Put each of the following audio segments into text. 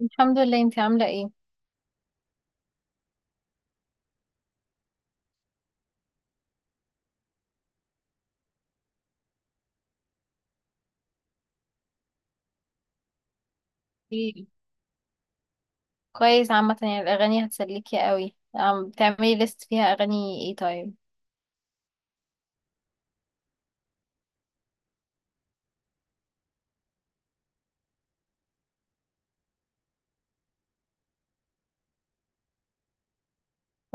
الحمد لله. انتي عاملة ايه؟ إيه. كويس عامة، يعني الأغاني هتسليكي قوي. عم بتعملي ليست فيها أغاني ايه طيب؟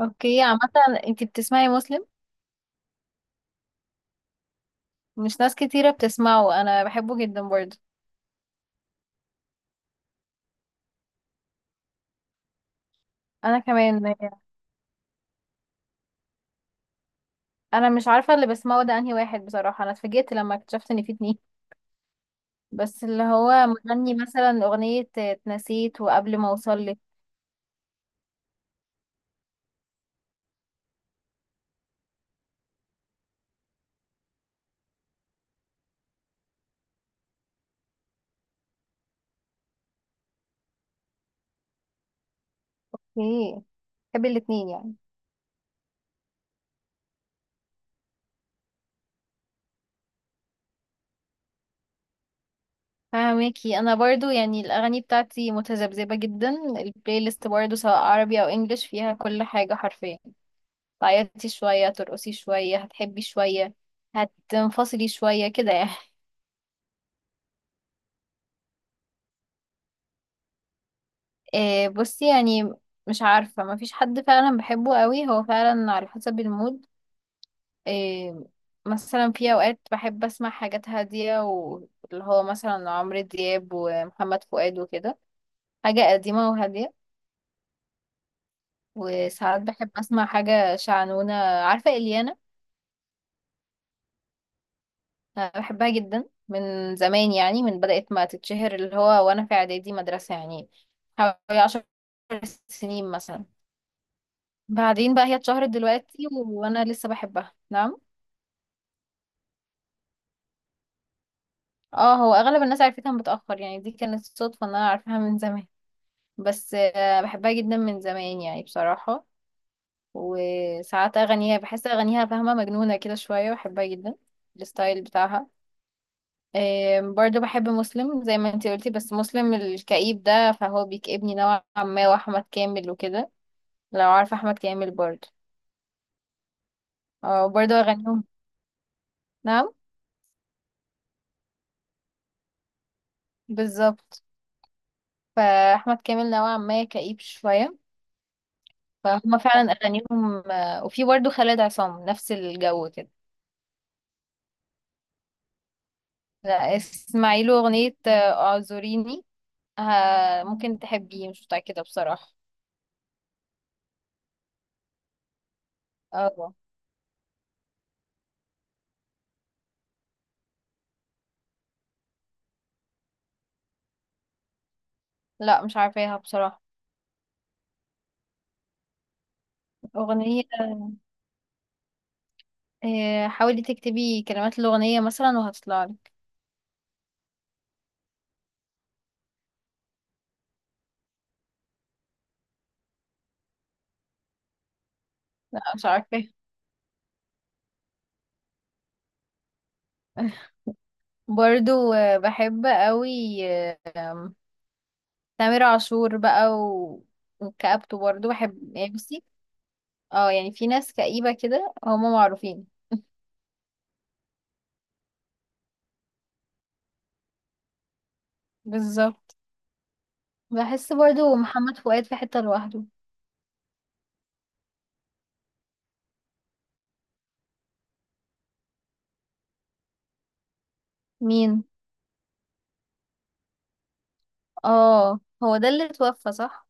اوكي عامة. انتي بتسمعي مسلم؟ مش ناس كتيرة بتسمعه، أنا بحبه جدا برضه. أنا كمان. أنا مش عارفة اللي بسمعه ده أنهي واحد بصراحة، أنا اتفاجئت لما اكتشفت إن في اتنين. بس اللي هو مغني مثلا أغنية اتنسيت وقبل ما أوصلك. ايه، بحب الاتنين يعني. فاهمكي، انا برضو يعني الاغاني بتاعتي متذبذبه جدا. البلاي ليست برضو سواء عربي او انجليش فيها كل حاجه حرفيا. تعيطي شويه، ترقصي شويه، هتحبي شويه، هتنفصلي شويه كده يعني. إيه، بصي يعني، مش عارفه، ما فيش حد فعلا بحبه قوي، هو فعلا على حسب المود. إيه، مثلا في اوقات بحب اسمع حاجات هاديه، واللي هو مثلا عمرو دياب ومحمد فؤاد وكده. حاجه قديمه وهاديه. وساعات بحب اسمع حاجة شعنونة، عارفة اليانا؟ أنا بحبها جدا من زمان يعني، من بدأت ما تتشهر اللي هو وانا في اعدادي مدرسة يعني. حوالي 10 سنين مثلا. بعدين بقى هي اتشهرت دلوقتي وانا لسه بحبها، نعم. اه، هو اغلب الناس عرفتها متأخر يعني، دي كانت صدفة ان انا عارفاها من زمان. بس بحبها جدا من زمان يعني بصراحة. وساعات اغانيها بحس اغانيها فاهمة مجنونة كده شوية، بحبها جدا. الستايل بتاعها. برضو بحب مسلم زي ما انتي قلتي، بس مسلم الكئيب ده فهو بيكئبني نوعا ما، واحمد كامل وكده. لو عارفه احمد كامل برضو. اه، برضو اغانيهم. نعم. بالظبط. فاحمد كامل نوعا ما كئيب شويه. فهما فعلا اغانيهم، وفي برضو خالد عصام نفس الجو كده. لا، اسمعي له اغنيه، اعذريني. ممكن تحبيه، مش متاكده بصراحه. اه. لا، مش عارفاها بصراحه. اغنيه، حاولي تكتبي كلمات الأغنية مثلا وهتطلع لك. لا، مش عارفة. برضو بحب قوي. آه، آم، تامر عاشور بقى وكآبته برضو بحب يعني، بصي. اه يعني في ناس كئيبة كده هما معروفين. بالظبط. بحس برضو محمد فؤاد في حتة لوحده. مين؟ اه، هو ده اللي اتوفى، صح؟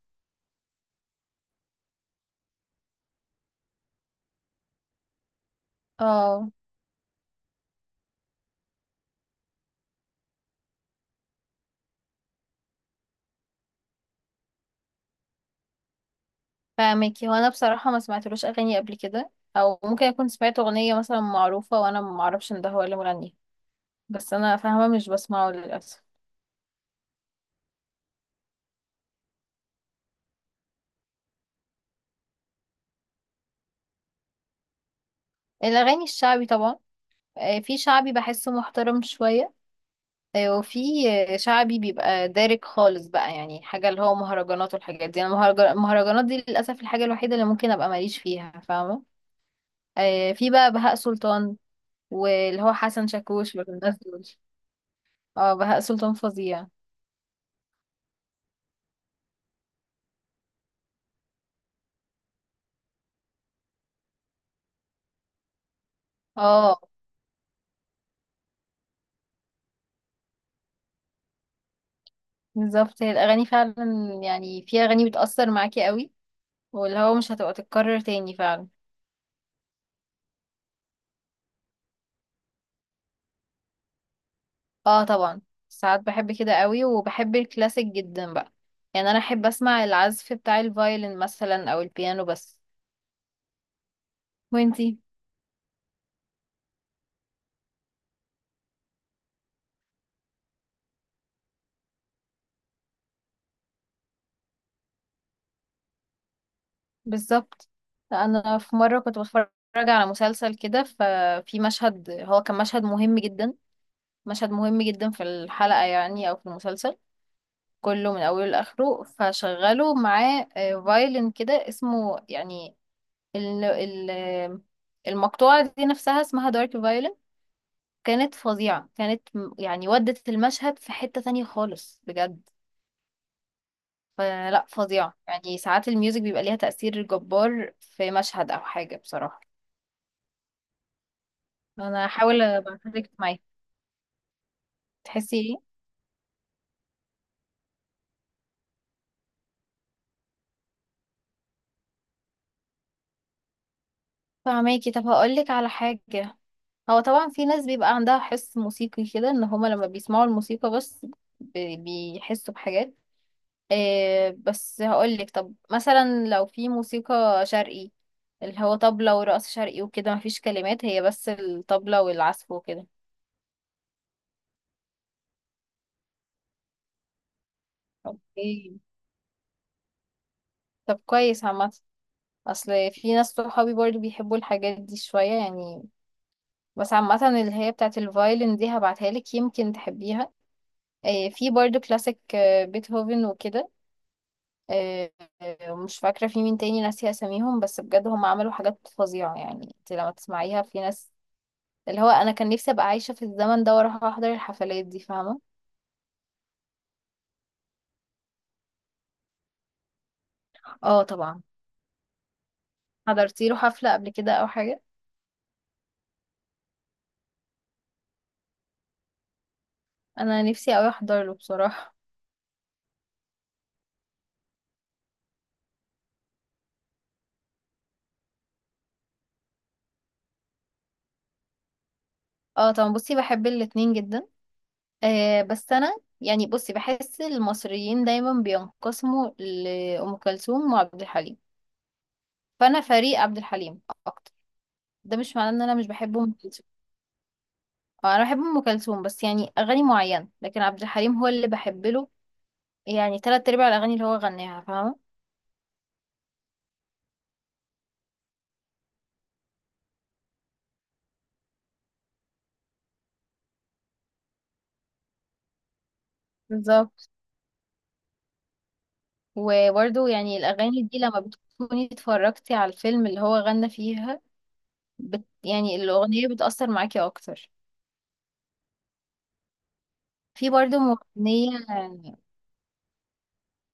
اه. فاهمك، هو انا بصراحة ما سمعتلوش اغاني قبل كده. او ممكن اكون سمعت اغنية مثلا معروفة وانا ما اعرفش ان ده هو اللي مغني. بس انا فاهمة، مش بسمعه للأسف. الأغاني الشعبي طبعا. في شعبي بحسه محترم شوية. وفي شعبي بيبقى دارك خالص بقى، يعني حاجة اللي هو مهرجانات والحاجات دي، انا المهرجانات دي للأسف الحاجة الوحيدة اللي ممكن ابقى ماليش فيها، فاهمة؟ في بقى بهاء سلطان، واللي هو حسن شاكوش والناس دول. اه، بهاء سلطان فظيع. اه بالظبط، هي الأغاني فعلا. يعني في أغاني بتأثر معاكي قوي، واللي هو مش هتبقى تتكرر تاني فعلا. اه طبعا. ساعات بحب كده قوي، وبحب الكلاسيك جدا بقى. يعني انا احب اسمع العزف بتاع الفايلن مثلا او البيانو بس. وانتي؟ بالظبط. انا في مره كنت بتفرج على مسلسل كده، ففي مشهد، هو كان مشهد مهم جدا. مشهد مهم جدا في الحلقه يعني، او في المسلسل كله من اوله لاخره. فشغلوا معاه فايلن كده اسمه يعني. ال ال المقطوعه دي نفسها اسمها دارك فايلن. كانت فظيعة، كانت يعني ودت المشهد في حتة تانية خالص بجد. فلا، فظيعة. يعني ساعات الميوزك بيبقى ليها تأثير جبار في مشهد أو حاجة بصراحة. أنا هحاول أبعتلك معايا. تحسي إيه؟ فهماكي، طب هقولك على حاجة. هو طبعا في ناس بيبقى عندها حس موسيقي كده، إن هما لما بيسمعوا الموسيقى بس بيحسوا بحاجات. إيه، بس هقولك طب مثلا لو في موسيقى شرقي، اللي هو طبلة ورقص شرقي وكده، مفيش كلمات، هي بس الطبلة والعزف وكده. اوكي. طب كويس عامة، اصل في ناس صحابي برضو بيحبوا الحاجات دي شوية يعني. بس عامة اللي هي بتاعت الفايلن دي هبعتها لك، يمكن تحبيها. إيه، في برضو كلاسيك، بيتهوفن وكده. إيه. مش فاكرة في مين تاني، ناسية اساميهم، بس بجد هم عملوا حاجات فظيعة يعني انت لما تسمعيها. في ناس، اللي هو انا كان نفسي ابقى عايشه في الزمن ده واروح احضر الحفلات دي، فاهمه؟ اه طبعا. حضرتي له حفله قبل كده او حاجه؟ انا نفسي اوي احضر له بصراحه. اه طبعا، بصي بحب الاتنين جدا. بس انا يعني، بصي، بحس المصريين دايما بينقسموا لأم كلثوم وعبد الحليم. فانا فريق عبد الحليم اكتر. ده مش معناه ان انا مش بحب ام كلثوم. اه، انا بحب ام كلثوم بس يعني اغاني معينه، لكن عبد الحليم هو اللي بحب له، يعني تلات ارباع الاغاني اللي هو غناها، فاهمه؟ بالظبط. وبرضه يعني الأغاني دي لما بتكوني اتفرجتي على الفيلم اللي هو غنى فيها، يعني الأغنية بتأثر معاكي أكتر. في برضه مغنية،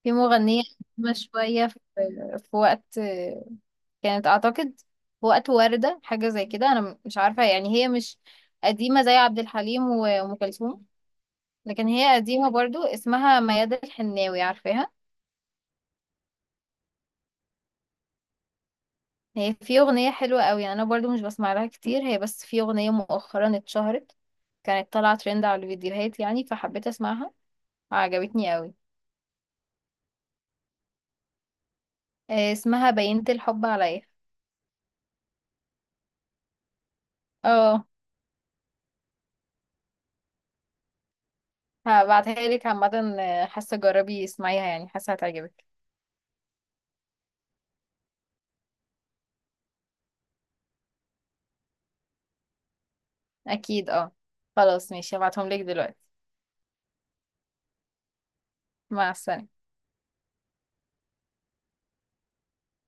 في مغنية قديمة شوية، في وقت كانت، أعتقد في وقت وردة حاجة زي كده، أنا مش عارفة. يعني هي مش قديمة زي عبد الحليم وأم كلثوم، لكن هي قديمة برضه، اسمها ميادة الحناوي، عارفاها؟ هي في أغنية حلوة قوي، يعني أنا برضو مش بسمع لها كتير، هي بس في أغنية مؤخرا اتشهرت، كانت طالعة ترند على الفيديوهات يعني، فحبيت أسمعها. عجبتني قوي. اسمها بينت الحب عليا. اه. هبعتها لك عامة، حاسة جربي اسمعيها يعني، حاسة هتعجبك. أكيد اه. خلاص ماشي، هبعتهم لك دلوقتي. مع السلامة.